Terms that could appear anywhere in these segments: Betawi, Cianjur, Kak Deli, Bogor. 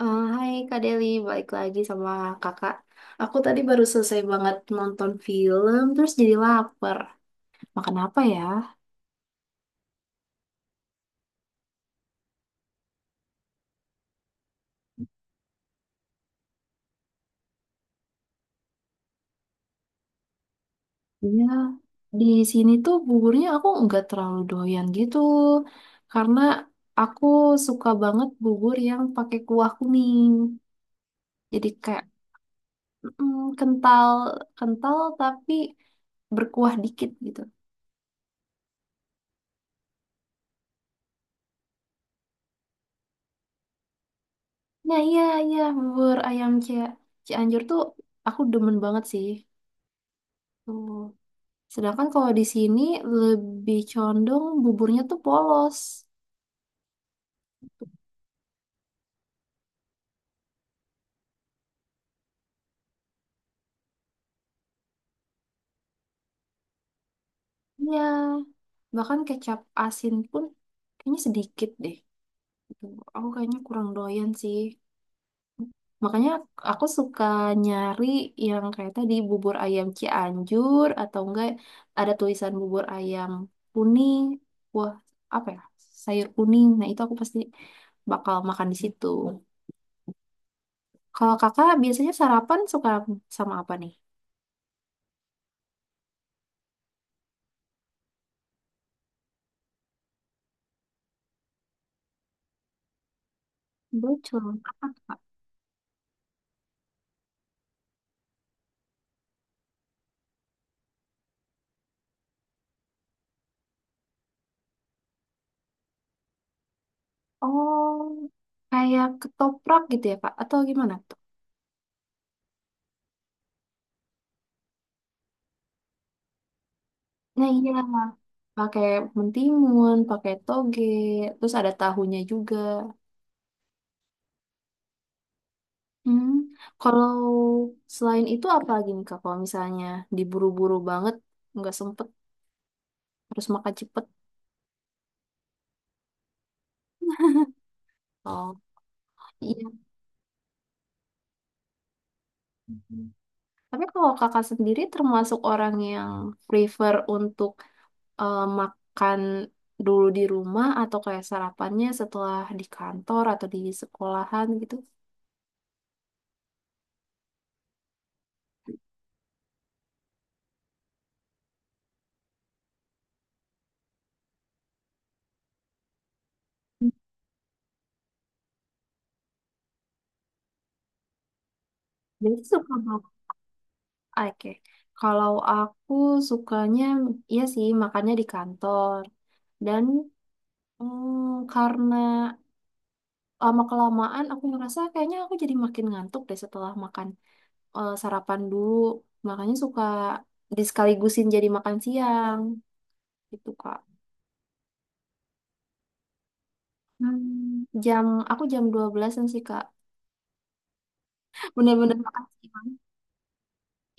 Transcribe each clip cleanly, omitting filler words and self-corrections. Hai Kak Deli, balik lagi sama kakak. Aku tadi baru selesai banget nonton film, terus jadi lapar. Makan apa ya? Ya, di sini tuh buburnya aku nggak terlalu doyan gitu, karena aku suka banget bubur yang pakai kuah kuning. Jadi kayak kental, kental, tapi berkuah dikit gitu. Nah iya, iya, Cianjur tuh aku demen banget sih. Tuh. Sedangkan kalau di sini lebih condong buburnya tuh polos. Iya, bahkan kecap asin pun kayaknya sedikit deh. Gitu. Aku kayaknya kurang doyan sih. Makanya aku suka nyari yang kayak tadi bubur ayam Cianjur atau enggak ada tulisan bubur ayam kuning. Wah, apa ya? Sayur kuning. Nah, itu aku pasti bakal makan di situ. Kalau kakak biasanya sarapan suka sama apa nih? Bocor. Apa? Oh, kayak ketoprak gitu ya, Kak? Atau gimana tuh? Nah iya, pakai mentimun, pakai toge, terus ada tahunya juga. Hmm, kalau selain itu apa lagi nih Kak? Kalau misalnya diburu-buru banget, nggak sempet, harus makan cepet. Oh, iya. Tapi kalau kakak sendiri termasuk orang yang prefer untuk makan dulu di rumah atau kayak sarapannya setelah di kantor atau di sekolahan gitu? Jadi suka bak oke. Kalau aku sukanya iya sih makannya di kantor. Dan karena lama kelamaan aku ngerasa kayaknya aku jadi makin ngantuk deh setelah makan sarapan dulu. Makanya suka disekaligusin jadi makan siang gitu, Kak. Hmm, jam aku jam 12-an sih, Kak. Bener-bener makan siang.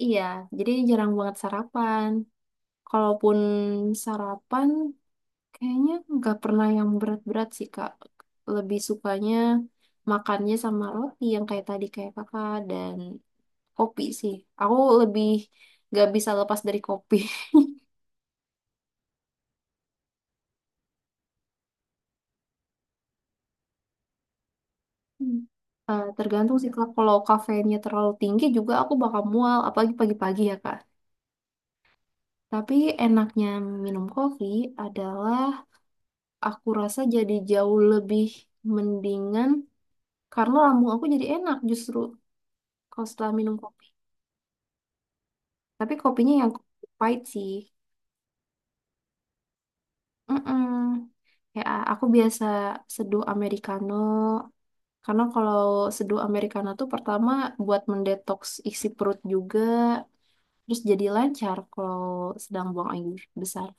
Iya, jadi jarang banget sarapan. Kalaupun sarapan kayaknya nggak pernah yang berat-berat sih, Kak. Lebih sukanya makannya sama roti yang kayak tadi kayak kakak dan kopi sih. Aku lebih nggak bisa lepas dari kopi. Hmm. Tergantung sih Kak. Kalau kafeinnya terlalu tinggi juga aku bakal mual, apalagi pagi-pagi ya Kak. Tapi enaknya minum kopi adalah aku rasa jadi jauh lebih mendingan karena lambung aku jadi enak justru kalau setelah minum kopi. Tapi kopinya yang kopi pahit sih. mm Ya, aku biasa seduh Americano. Karena kalau seduh Americano tuh pertama buat mendetoks isi perut juga. Terus jadi lancar kalau sedang buang air besar.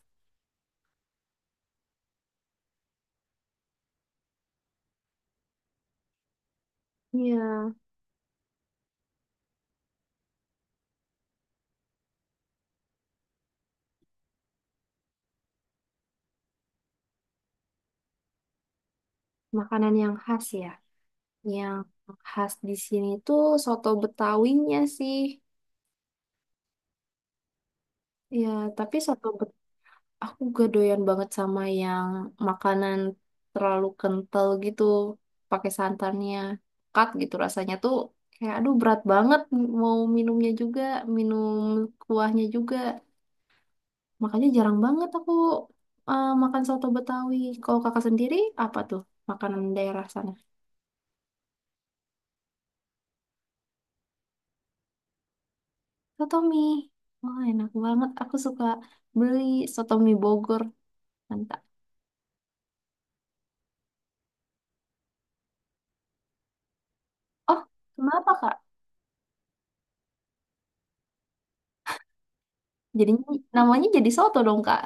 Iya, makanan yang khas ya. Yang khas di sini tuh soto betawinya sih. Ya, tapi aku gak doyan banget sama yang makanan terlalu kental gitu pakai santannya kat gitu rasanya tuh kayak aduh berat banget, mau minumnya juga, minum kuahnya juga. Makanya jarang banget aku makan soto Betawi. Kalau kakak sendiri apa tuh makanan daerah sana? Soto mie, wah enak banget, aku suka beli soto mie Bogor, mantap. Oh, kenapa Kak? Jadinya namanya jadi soto dong Kak.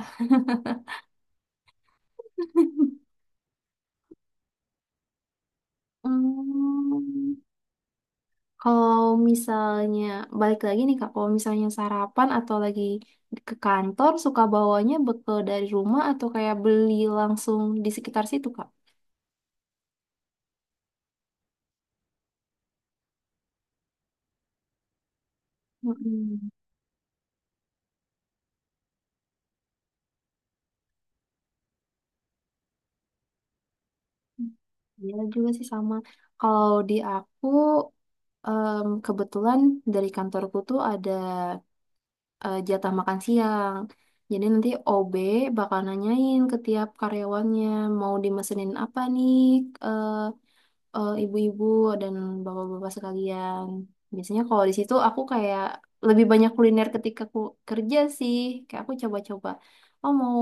Hmm, kalau misalnya balik lagi nih Kak, kalau misalnya sarapan atau lagi ke kantor suka bawanya bekal dari rumah atau kayak beli langsung di sekitar situ Kak? Mm-mm. Iya juga sih sama. Kalau di aku kebetulan dari kantorku tuh ada jatah makan siang. Jadi nanti OB bakal nanyain ke tiap karyawannya mau dimesenin apa nih, eh, ibu-ibu dan bapak-bapak sekalian. Biasanya kalau di situ aku kayak lebih banyak kuliner ketika aku kerja sih. Kayak aku coba-coba, oh mau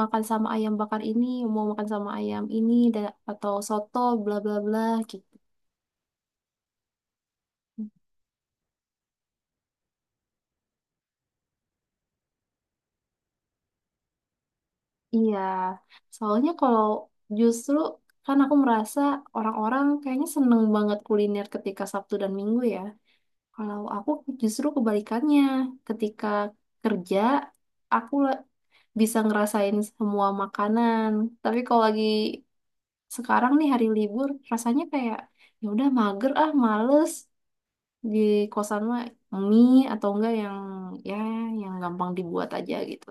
makan sama ayam bakar ini, mau makan sama ayam ini, atau soto, bla bla bla gitu. Iya, soalnya kalau justru kan aku merasa orang-orang kayaknya seneng banget kuliner ketika Sabtu dan Minggu ya. Kalau aku justru kebalikannya, ketika kerja, aku bisa ngerasain semua makanan. Tapi kalau lagi sekarang nih hari libur, rasanya kayak ya udah mager ah, males di kosan mah mie atau enggak yang ya yang gampang dibuat aja gitu.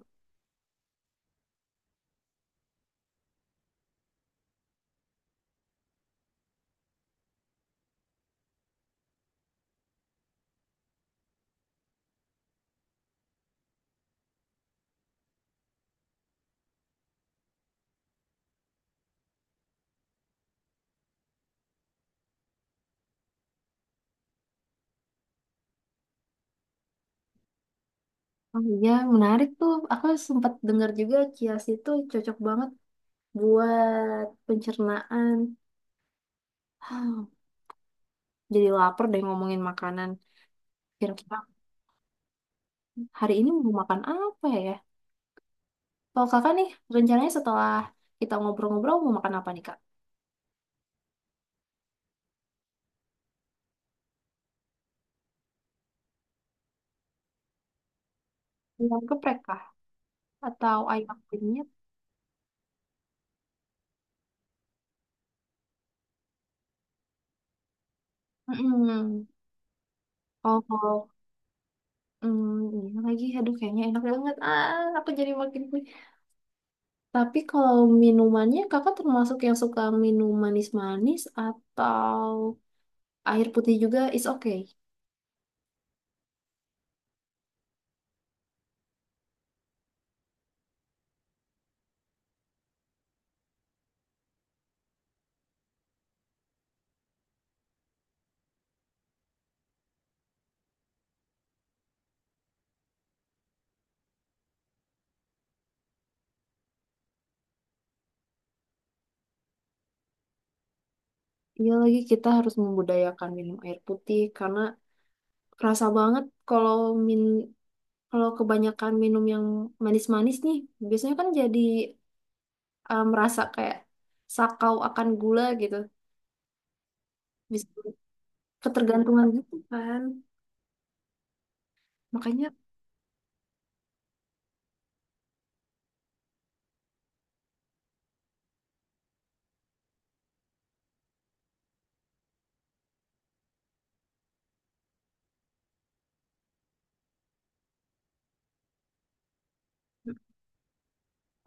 Oh iya, menarik tuh. Aku sempat dengar juga kias itu cocok banget buat pencernaan. Jadi lapar deh ngomongin makanan. Kira-kira hari ini mau makan apa ya? Kalau kakak nih, rencananya setelah kita ngobrol-ngobrol mau makan apa nih, Kak? Ayam geprek, Kak. Atau ayam penyet. Mm-mm. Kalau kalau iya lagi, aduh kayaknya enak banget. Ah, aku jadi makin punya. Tapi kalau minumannya, kakak termasuk yang suka minum manis-manis atau air putih juga is okay. Iya lagi kita harus membudayakan minum air putih karena kerasa banget kalau min kalau kebanyakan minum yang manis-manis nih, biasanya kan jadi merasa kayak sakau akan gula gitu. Bisa ketergantungan gitu kan. Makanya,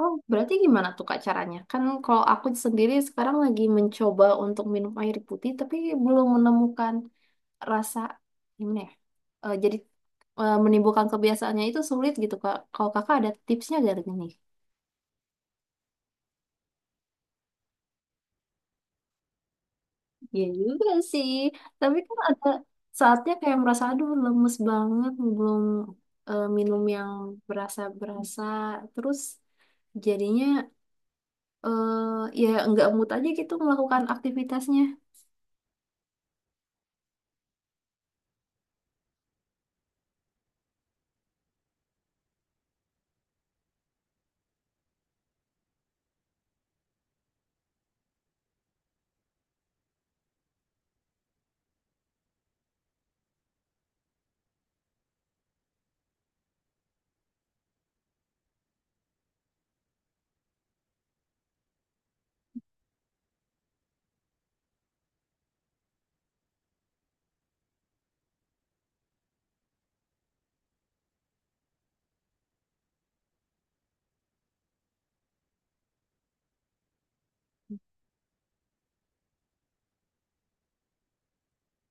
oh berarti gimana tuh Kak caranya? Kan kalau aku sendiri sekarang lagi mencoba untuk minum air putih, tapi belum menemukan rasa gimana ya? Jadi menimbulkan kebiasaannya itu sulit gitu Kak. Kalau Kakak ada tipsnya gak nih? Iya juga sih. Tapi kan ada saatnya kayak merasa, aduh lemes banget, belum minum yang berasa-berasa. Terus jadinya eh ya nggak mood aja gitu melakukan aktivitasnya.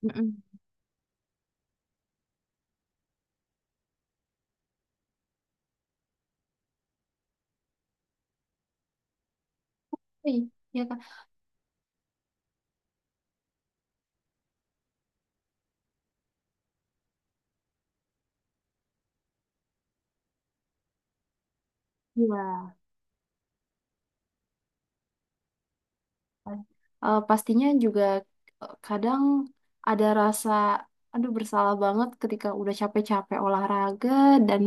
Mm-mm. Iya, iya, Kak. Iya. Pastinya juga kadang ada rasa, aduh bersalah banget ketika udah capek-capek olahraga dan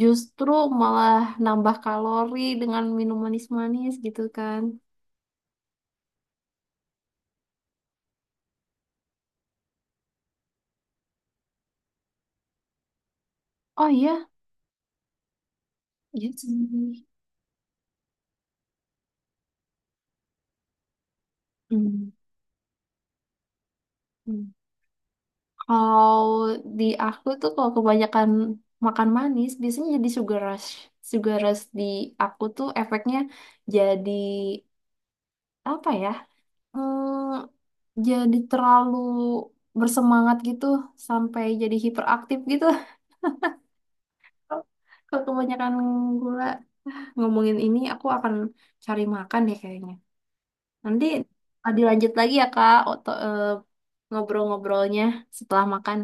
justru malah nambah kalori dengan minum manis-manis gitu kan. Oh iya, iya sih. Hmm. Hmm. Kalau di aku tuh kalau kebanyakan makan manis biasanya jadi sugar rush. Sugar rush di aku tuh efeknya jadi apa ya? Hmm, jadi terlalu bersemangat gitu sampai jadi hiperaktif gitu. Kalau kebanyakan gula ngomongin ini, aku akan cari makan deh kayaknya. Nanti ah, dilanjut lagi ya Kak, ngobrol-ngobrolnya setelah makan.